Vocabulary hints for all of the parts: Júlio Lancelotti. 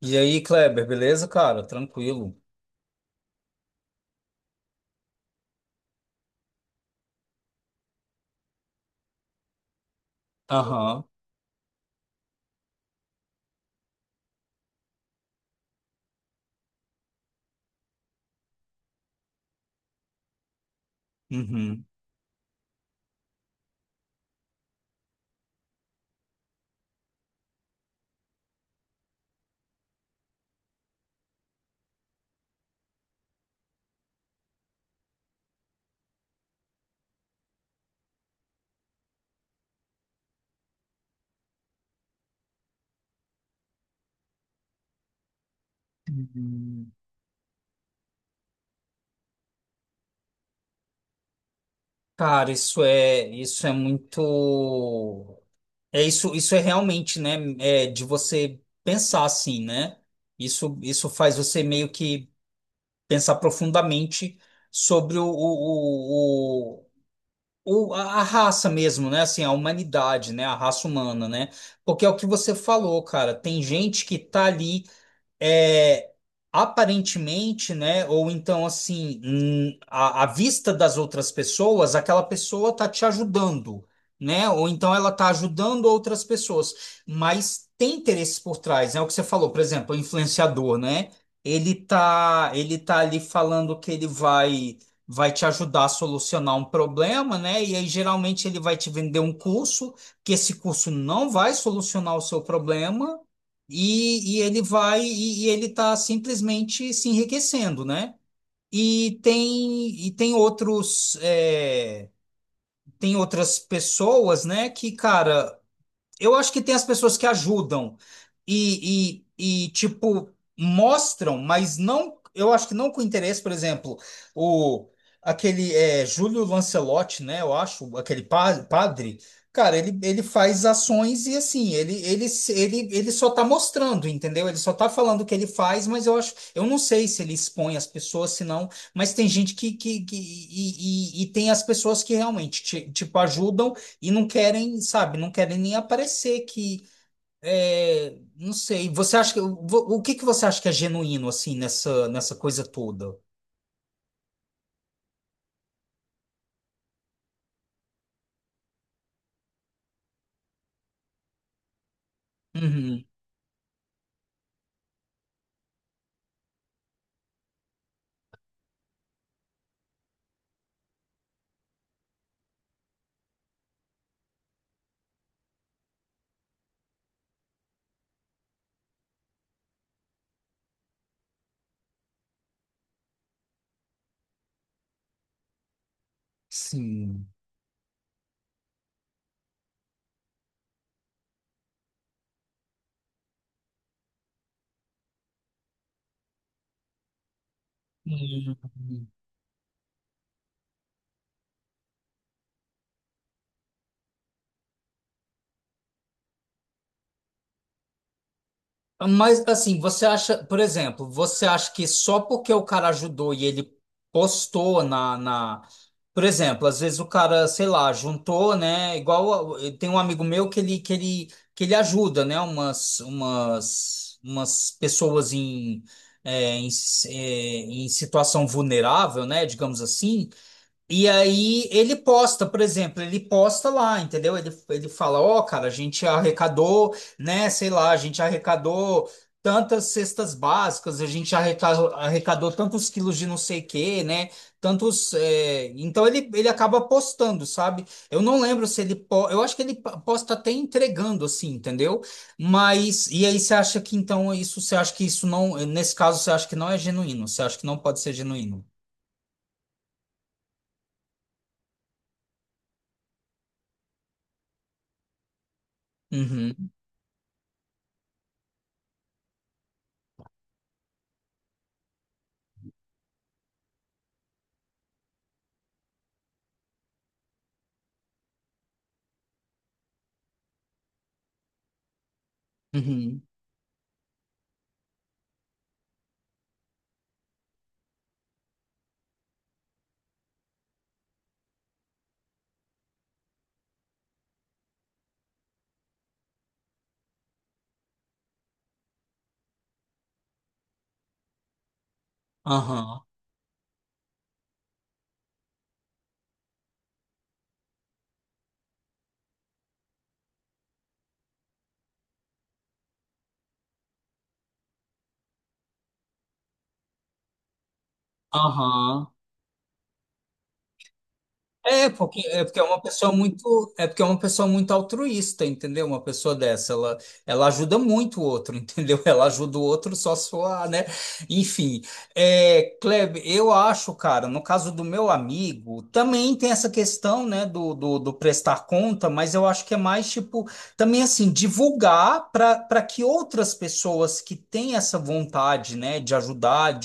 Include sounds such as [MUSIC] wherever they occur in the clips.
E aí, Kleber, beleza, cara? Tranquilo. Aham. Uhum. Uhum. Cara, isso é muito. É, isso é realmente, né? É de você pensar assim, né? Isso faz você meio que pensar profundamente sobre a raça mesmo, né? Assim, a humanidade, né? A raça humana, né? Porque é o que você falou, cara. Tem gente que tá ali. é, Aparentemente, né? Ou então, assim, à vista das outras pessoas, aquela pessoa tá te ajudando, né? Ou então ela tá ajudando outras pessoas, mas tem interesses por trás, né? O que você falou, por exemplo, o influenciador, né? Ele tá ali falando que ele vai. Vai te ajudar a solucionar um problema, né? E aí, geralmente, ele vai te vender um curso, que esse curso não vai solucionar o seu problema, e ele vai, e ele está simplesmente se enriquecendo, né? E tem outros tem outras pessoas, né? Que cara, eu acho que tem as pessoas que ajudam tipo, mostram, mas não. Eu acho que não com interesse. Por exemplo, o aquele é, Júlio Lancelotti, né? Eu acho, aquele padre, cara, ele faz ações e assim, ele só tá mostrando, entendeu? Ele só tá falando o que ele faz, mas eu acho, eu não sei se ele expõe as pessoas, se não, mas tem gente que tem as pessoas que realmente, tipo, ajudam. E não querem, sabe, não querem nem aparecer que, não sei, você acha que, o que que você acha que é genuíno, assim, nessa coisa toda? Uhum, sim. Uhum. Mas assim, você acha, por exemplo, você acha que só porque o cara ajudou e ele postou na. Por exemplo, às vezes o cara, sei lá, juntou, né? Igual tem um amigo meu que ele ajuda, né? Umas pessoas em em, em situação vulnerável, né? Digamos assim. E aí ele posta, por exemplo, ele posta lá, entendeu? Ele fala, ó, cara, a gente arrecadou, né, sei lá, a gente arrecadou tantas cestas básicas, a gente arrecadou tantos quilos de não sei o quê, né? Tantos. Então ele acaba postando, sabe? Eu não lembro se ele. Eu acho que ele posta até entregando, assim, entendeu? Mas. E aí você acha que então isso, você acha que isso não. Nesse caso, você acha que não é genuíno, você acha que não pode ser genuíno. Uhum, uhum. Aham, aham. É porque é uma pessoa muito, é porque é uma pessoa muito altruísta, entendeu? Uma pessoa dessa, ela ajuda muito o outro, [LAUGHS] entendeu? Ela ajuda o outro só suar, né? Enfim, Kleber, eu acho, cara, no caso do meu amigo, também tem essa questão, né, do prestar conta, mas eu acho que é mais tipo, também assim, divulgar para que outras pessoas que têm essa vontade, né, de ajudar,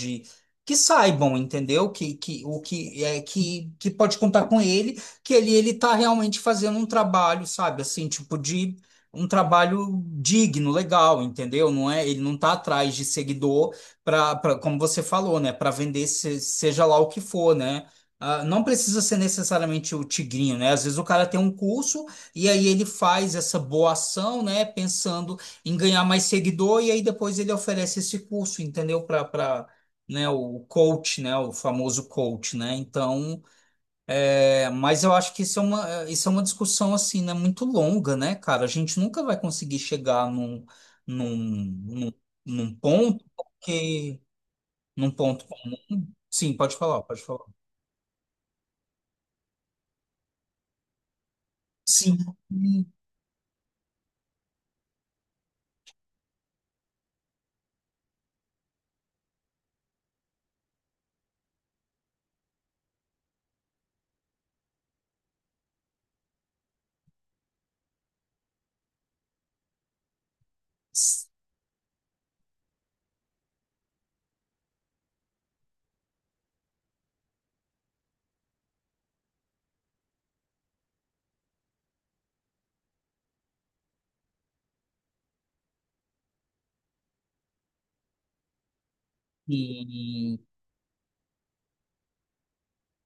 que saibam, entendeu? Que o que é que pode contar com ele, que ele tá realmente fazendo um trabalho, sabe? Assim, tipo de um trabalho digno, legal, entendeu? Não é, ele não tá atrás de seguidor para como você falou, né, para vender seja lá o que for, né? Ah, não precisa ser necessariamente o tigrinho, né? Às vezes o cara tem um curso e aí ele faz essa boa ação, né? Pensando em ganhar mais seguidor e aí depois ele oferece esse curso, entendeu? Para, né, o coach, né, o famoso coach, né? Então, mas eu acho que isso é uma, isso é uma discussão assim, né, muito longa, né, cara? A gente nunca vai conseguir chegar num, num, num ponto porque num ponto comum. Sim, pode falar, pode falar. Sim. Sim.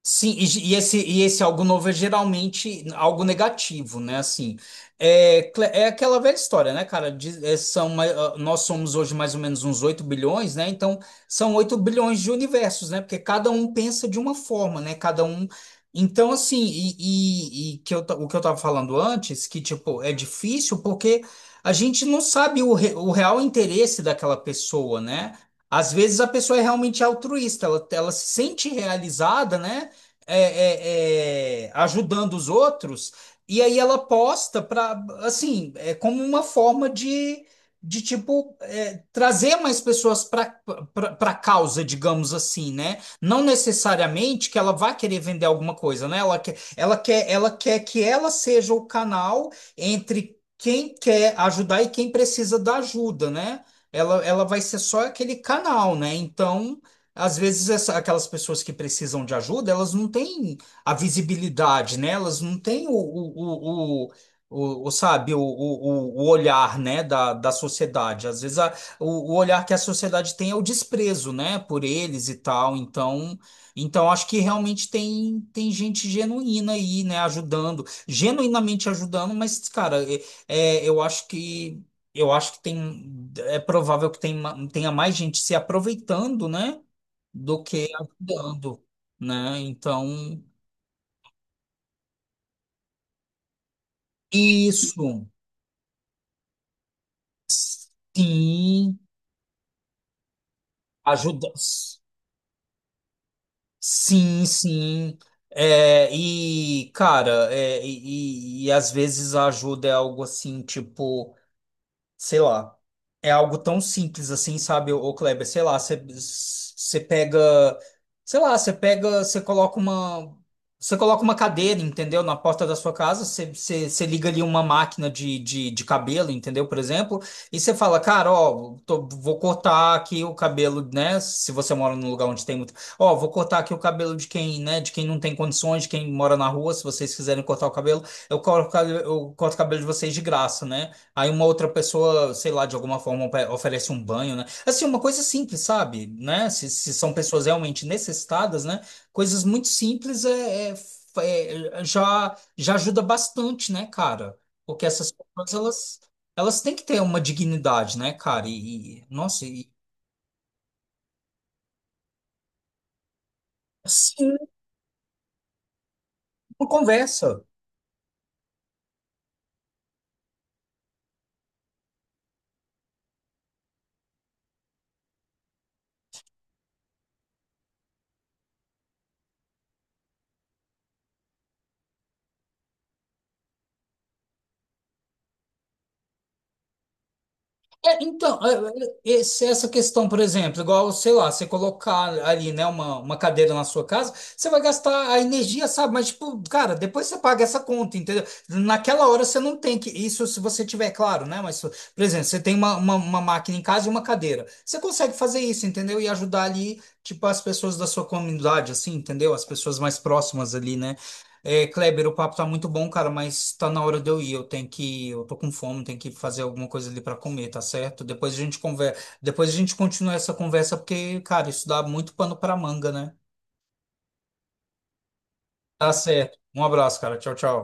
Sim, e esse algo novo é geralmente algo negativo, né? Assim, aquela velha história, né, cara? Diz- é, são, ah, nós somos hoje mais ou menos uns 8 bilhões, né? Então, são 8 bilhões de universos, né? Porque cada um pensa de uma forma, né? Cada um. Então, assim, e que eu, o que eu tava falando antes, que, tipo, é difícil porque a gente não sabe o, o real interesse daquela pessoa, né? Às vezes a pessoa é realmente altruísta, ela se sente realizada, né? Ajudando os outros, e aí ela posta para, assim, é como uma forma de tipo, trazer mais pessoas para a causa, digamos assim, né? Não necessariamente que ela vá querer vender alguma coisa, né? Ela quer que ela seja o canal entre quem quer ajudar e quem precisa da ajuda, né? Ela vai ser só aquele canal, né? Então, às vezes aquelas pessoas que precisam de ajuda, elas não têm a visibilidade, né? Elas não têm sabe, o olhar, né, da sociedade. Às vezes o olhar que a sociedade tem é o desprezo, né, por eles e tal. Então, então acho que realmente tem, tem gente genuína aí, né, ajudando, genuinamente ajudando, mas, cara, é, eu acho que eu acho que tem, é provável que tem, tenha mais gente se aproveitando, né? Do que ajudando, né? Então, isso, sim, ajuda, sim, sim. É, e, cara, e às vezes a ajuda é algo assim, tipo. Sei lá, é algo tão simples assim, sabe, ô Kleber? Sei lá, você você pega, sei lá, você pega, você coloca uma cadeira, entendeu? Na porta da sua casa, você liga ali uma máquina de cabelo, entendeu? Por exemplo, e você fala, cara, ó, vou cortar aqui o cabelo, né? Se você mora num lugar onde tem muito, ó, vou cortar aqui o cabelo de quem, né? De quem não tem condições, de quem mora na rua, se vocês quiserem cortar o cabelo, eu corto, eu corto o cabelo de vocês de graça, né? Aí uma outra pessoa, sei lá, de alguma forma oferece um banho, né? Assim, uma coisa simples, sabe? Né? Se são pessoas realmente necessitadas, né? Coisas muito simples já ajuda bastante, né, cara? Porque essas pessoas, elas têm que ter uma dignidade, né, cara? Nossa, e, sim, uma conversa. É, então, essa questão, por exemplo, igual, sei lá, você colocar ali, né, uma cadeira na sua casa, você vai gastar a energia, sabe? Mas, tipo, cara, depois você paga essa conta, entendeu? Naquela hora você não tem que. Isso se você tiver, claro, né? Mas, por exemplo, você tem uma máquina em casa e uma cadeira. Você consegue fazer isso, entendeu? E ajudar ali, tipo, as pessoas da sua comunidade, assim, entendeu? As pessoas mais próximas ali, né? É, Kleber, o papo tá muito bom, cara, mas tá na hora de eu ir. Eu tenho que, eu tô com fome, tenho que fazer alguma coisa ali pra comer, tá certo? Depois a gente conversa, depois a gente continua essa conversa porque, cara, isso dá muito pano pra manga, né? Tá certo. Um abraço, cara. Tchau, tchau.